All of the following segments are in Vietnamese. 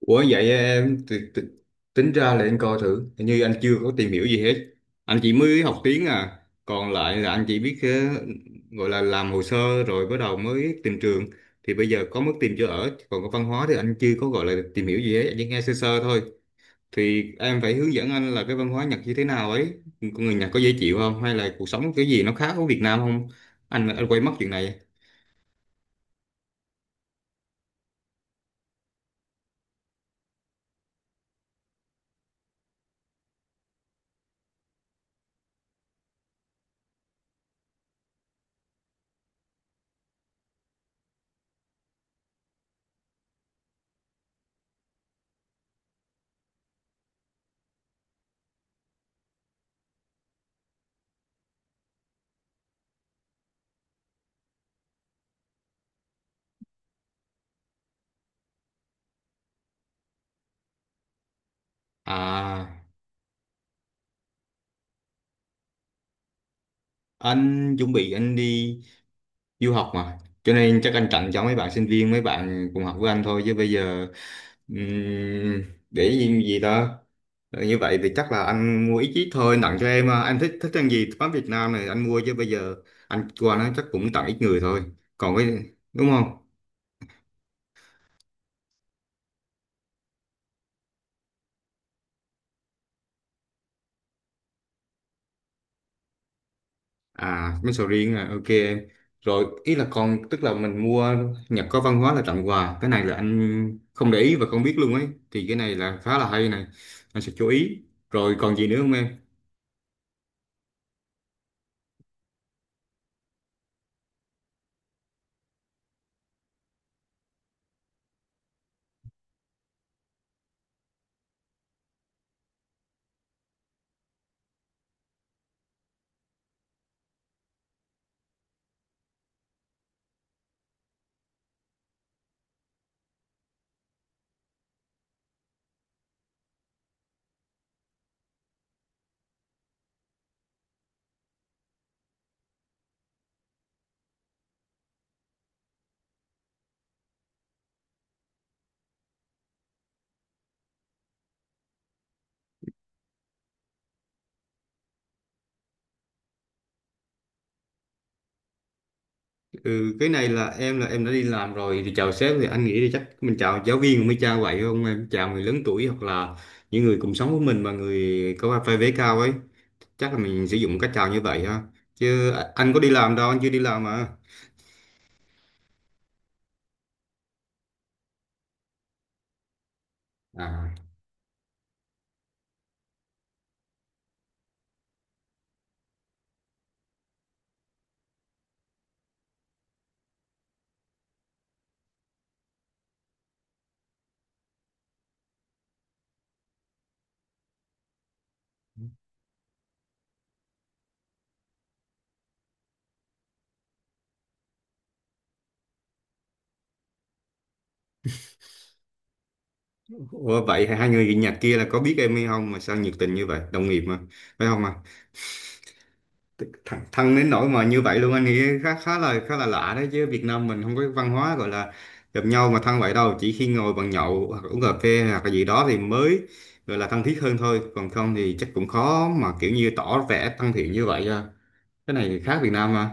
Ủa, vậy em tính ra là em coi thử hình như anh chưa có tìm hiểu gì hết, anh chỉ mới học tiếng à, còn lại là anh chỉ biết gọi là làm hồ sơ rồi bắt đầu mới tìm trường, thì bây giờ có mức tìm chỗ ở, còn cái văn hóa thì anh chưa có gọi là tìm hiểu gì hết, anh chỉ nghe sơ sơ thôi. Thì em phải hướng dẫn anh là cái văn hóa Nhật như thế nào ấy, con người Nhật có dễ chịu không, hay là cuộc sống cái gì nó khác với Việt Nam không. Anh quay mất chuyện này. À, anh chuẩn bị anh đi du học mà, cho nên chắc anh tặng cho mấy bạn sinh viên, mấy bạn cùng học với anh thôi, chứ bây giờ ừm, để gì, gì đó. Ờ, như vậy thì chắc là anh mua ít ít thôi, tặng cho em à. Anh thích thích ăn gì mắm Việt Nam này anh mua, chứ bây giờ anh qua nó chắc cũng tặng ít người thôi. Còn cái, đúng không. À mấy sầu riêng à, ok em. Rồi ý là còn tức là mình mua, Nhật có văn hóa là tặng quà, cái này là anh không để ý và không biết luôn ấy, thì cái này là khá là hay này, anh sẽ chú ý. Rồi còn gì nữa không em? Ừ, cái này là em đã đi làm rồi thì chào sếp, thì anh nghĩ thì chắc mình chào giáo viên mới chào vậy không em, chào người lớn tuổi hoặc là những người cùng sống với mình mà người có vai vế cao ấy, chắc là mình sử dụng cách chào như vậy ha. Chứ à, anh có đi làm đâu, anh chưa đi làm mà. À. Ủa, vậy hai người Nhật kia là có biết em hay không mà sao nhiệt tình như vậy, đồng nghiệp mà phải không ạ? Thẳng thân đến nỗi mà như vậy luôn, anh nghĩ khá khá là lạ đấy, chứ Việt Nam mình không có cái văn hóa gọi là gặp nhau mà thân vậy đâu, chỉ khi ngồi bàn nhậu hoặc uống cà phê hoặc là gì đó thì mới gọi là thân thiết hơn thôi, còn không thì chắc cũng khó mà kiểu như tỏ vẻ thân thiện như vậy à. Cái này khác Việt Nam mà.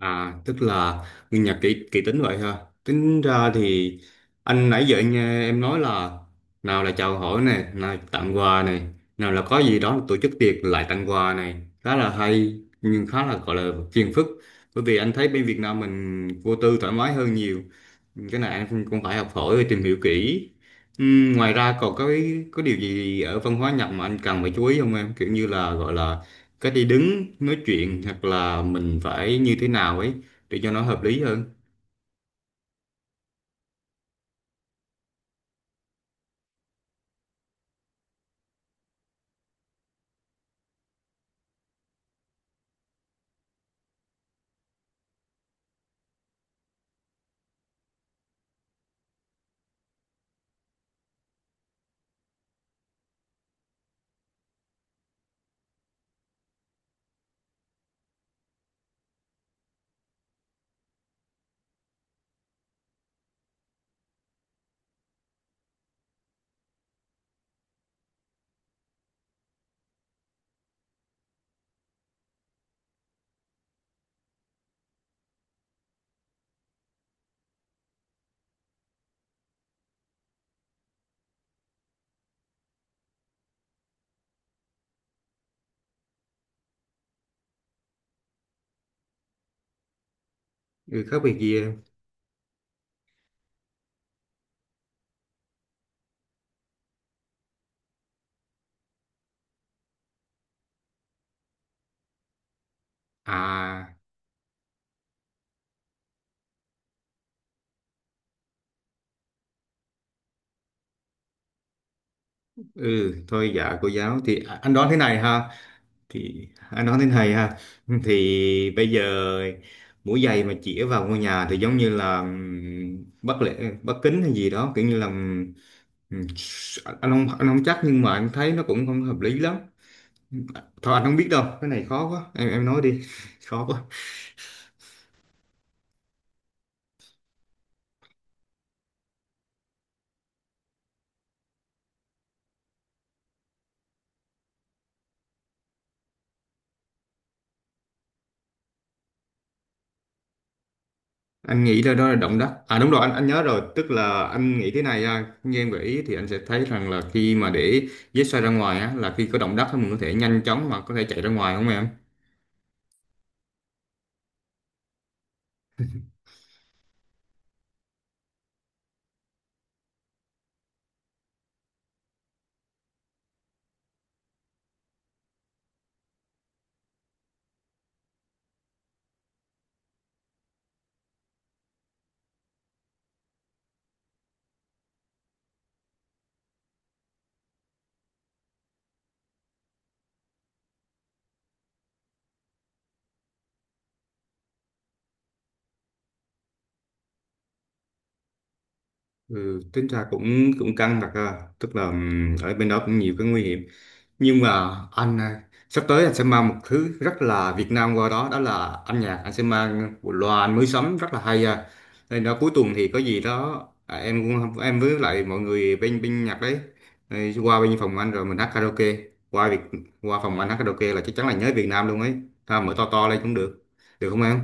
À, tức là nguyên nhà kỹ kỹ tính vậy ha. Tính ra thì anh nãy giờ anh nghe em nói là, nào là chào hỏi này, nào là tặng quà này, nào là có gì đó tổ chức tiệc lại tặng quà này, khá là hay nhưng khá là gọi là phiền phức. Bởi vì anh thấy bên Việt Nam mình vô tư thoải mái hơn nhiều, cái này anh cũng cũng phải học hỏi và tìm hiểu kỹ. Ngoài ra còn có cái có điều gì ở văn hóa Nhật mà anh cần phải chú ý không em, kiểu như là gọi là cách đi đứng nói chuyện, hoặc là mình phải như thế nào ấy để cho nó hợp lý hơn. Ừ, khác biệt gì em? À, ừ thôi dạ cô giáo thì à, anh đoán thế này ha, thì bây giờ mũi giày mà chĩa vào ngôi nhà thì giống như là bất lễ bất kính hay gì đó, kiểu như là, ừ, anh không, anh không chắc, nhưng mà anh thấy nó cũng không hợp lý lắm. Thôi anh không biết đâu, cái này khó quá, em nói đi. Khó quá. Anh nghĩ là đó là động đất. À đúng rồi, anh nhớ rồi, tức là anh nghĩ thế này à, như em gợi ý thì anh sẽ thấy rằng là khi mà để vết xoay ra ngoài á, là khi có động đất thì mình có thể nhanh chóng mà có thể chạy ra ngoài, không em? Ừ, tính ra cũng cũng căng thật à. Tức là ở bên đó cũng nhiều cái nguy hiểm, nhưng mà anh à, sắp tới anh sẽ mang một thứ rất là Việt Nam qua đó, đó là âm nhạc, anh sẽ mang bộ loa anh mới sắm rất là hay à, nên đó cuối tuần thì có gì đó à, em cũng em với lại mọi người bên bên nhạc đấy, ừ, qua bên phòng anh rồi mình hát karaoke. qua việc Qua phòng anh hát karaoke là chắc chắn là nhớ Việt Nam luôn ấy ha, mở to to lên cũng được, được không em?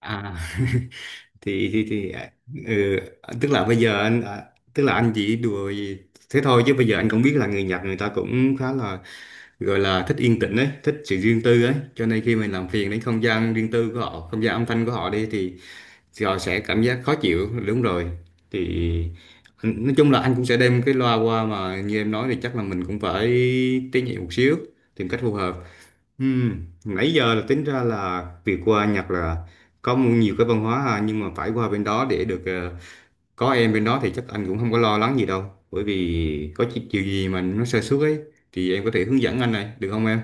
À, thì à, ừ, tức là bây giờ anh à, tức là anh chỉ đùa gì thế thôi, chứ bây giờ anh cũng biết là người Nhật người ta cũng khá là gọi là thích yên tĩnh ấy, thích sự riêng tư ấy, cho nên khi mình làm phiền đến không gian riêng tư của họ, không gian âm thanh của họ đi thì họ sẽ cảm giác khó chịu, đúng rồi. Thì anh- nói chung là anh cũng sẽ đem cái loa qua, mà như em nói thì chắc là mình cũng phải tế nhị một xíu, tìm cách phù hợp. Ừ, nãy giờ là tính ra là việc qua Nhật là có mu- nhiều cái văn hóa ha, nhưng mà phải qua bên đó để được có em bên đó thì chắc anh cũng không có lo lắng gì đâu, bởi vì có chi- điều gì mà nó sơ suất ấy thì em có thể hướng dẫn anh này, được không em?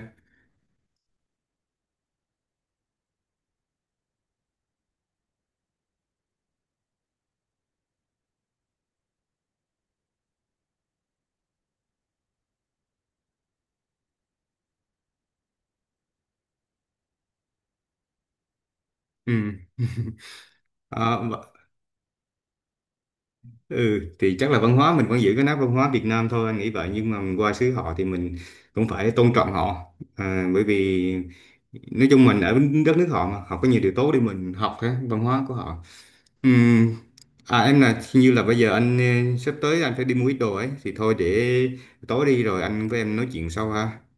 Ừ. À, v- ừ thì chắc là văn hóa mình vẫn giữ cái nét văn hóa Việt Nam thôi, anh nghĩ vậy, nhưng mà mình qua xứ họ thì mình cũng phải tôn trọng họ. À, bởi vì nói chung mình ở đất nước họ mà họ có nhiều điều tốt để mình học cái văn hóa của họ. Ừm, À em là hình như là bây giờ anh sắp tới anh phải đi mua ít đồ ấy, thì thôi để tối đi rồi anh với em nói chuyện sau ha.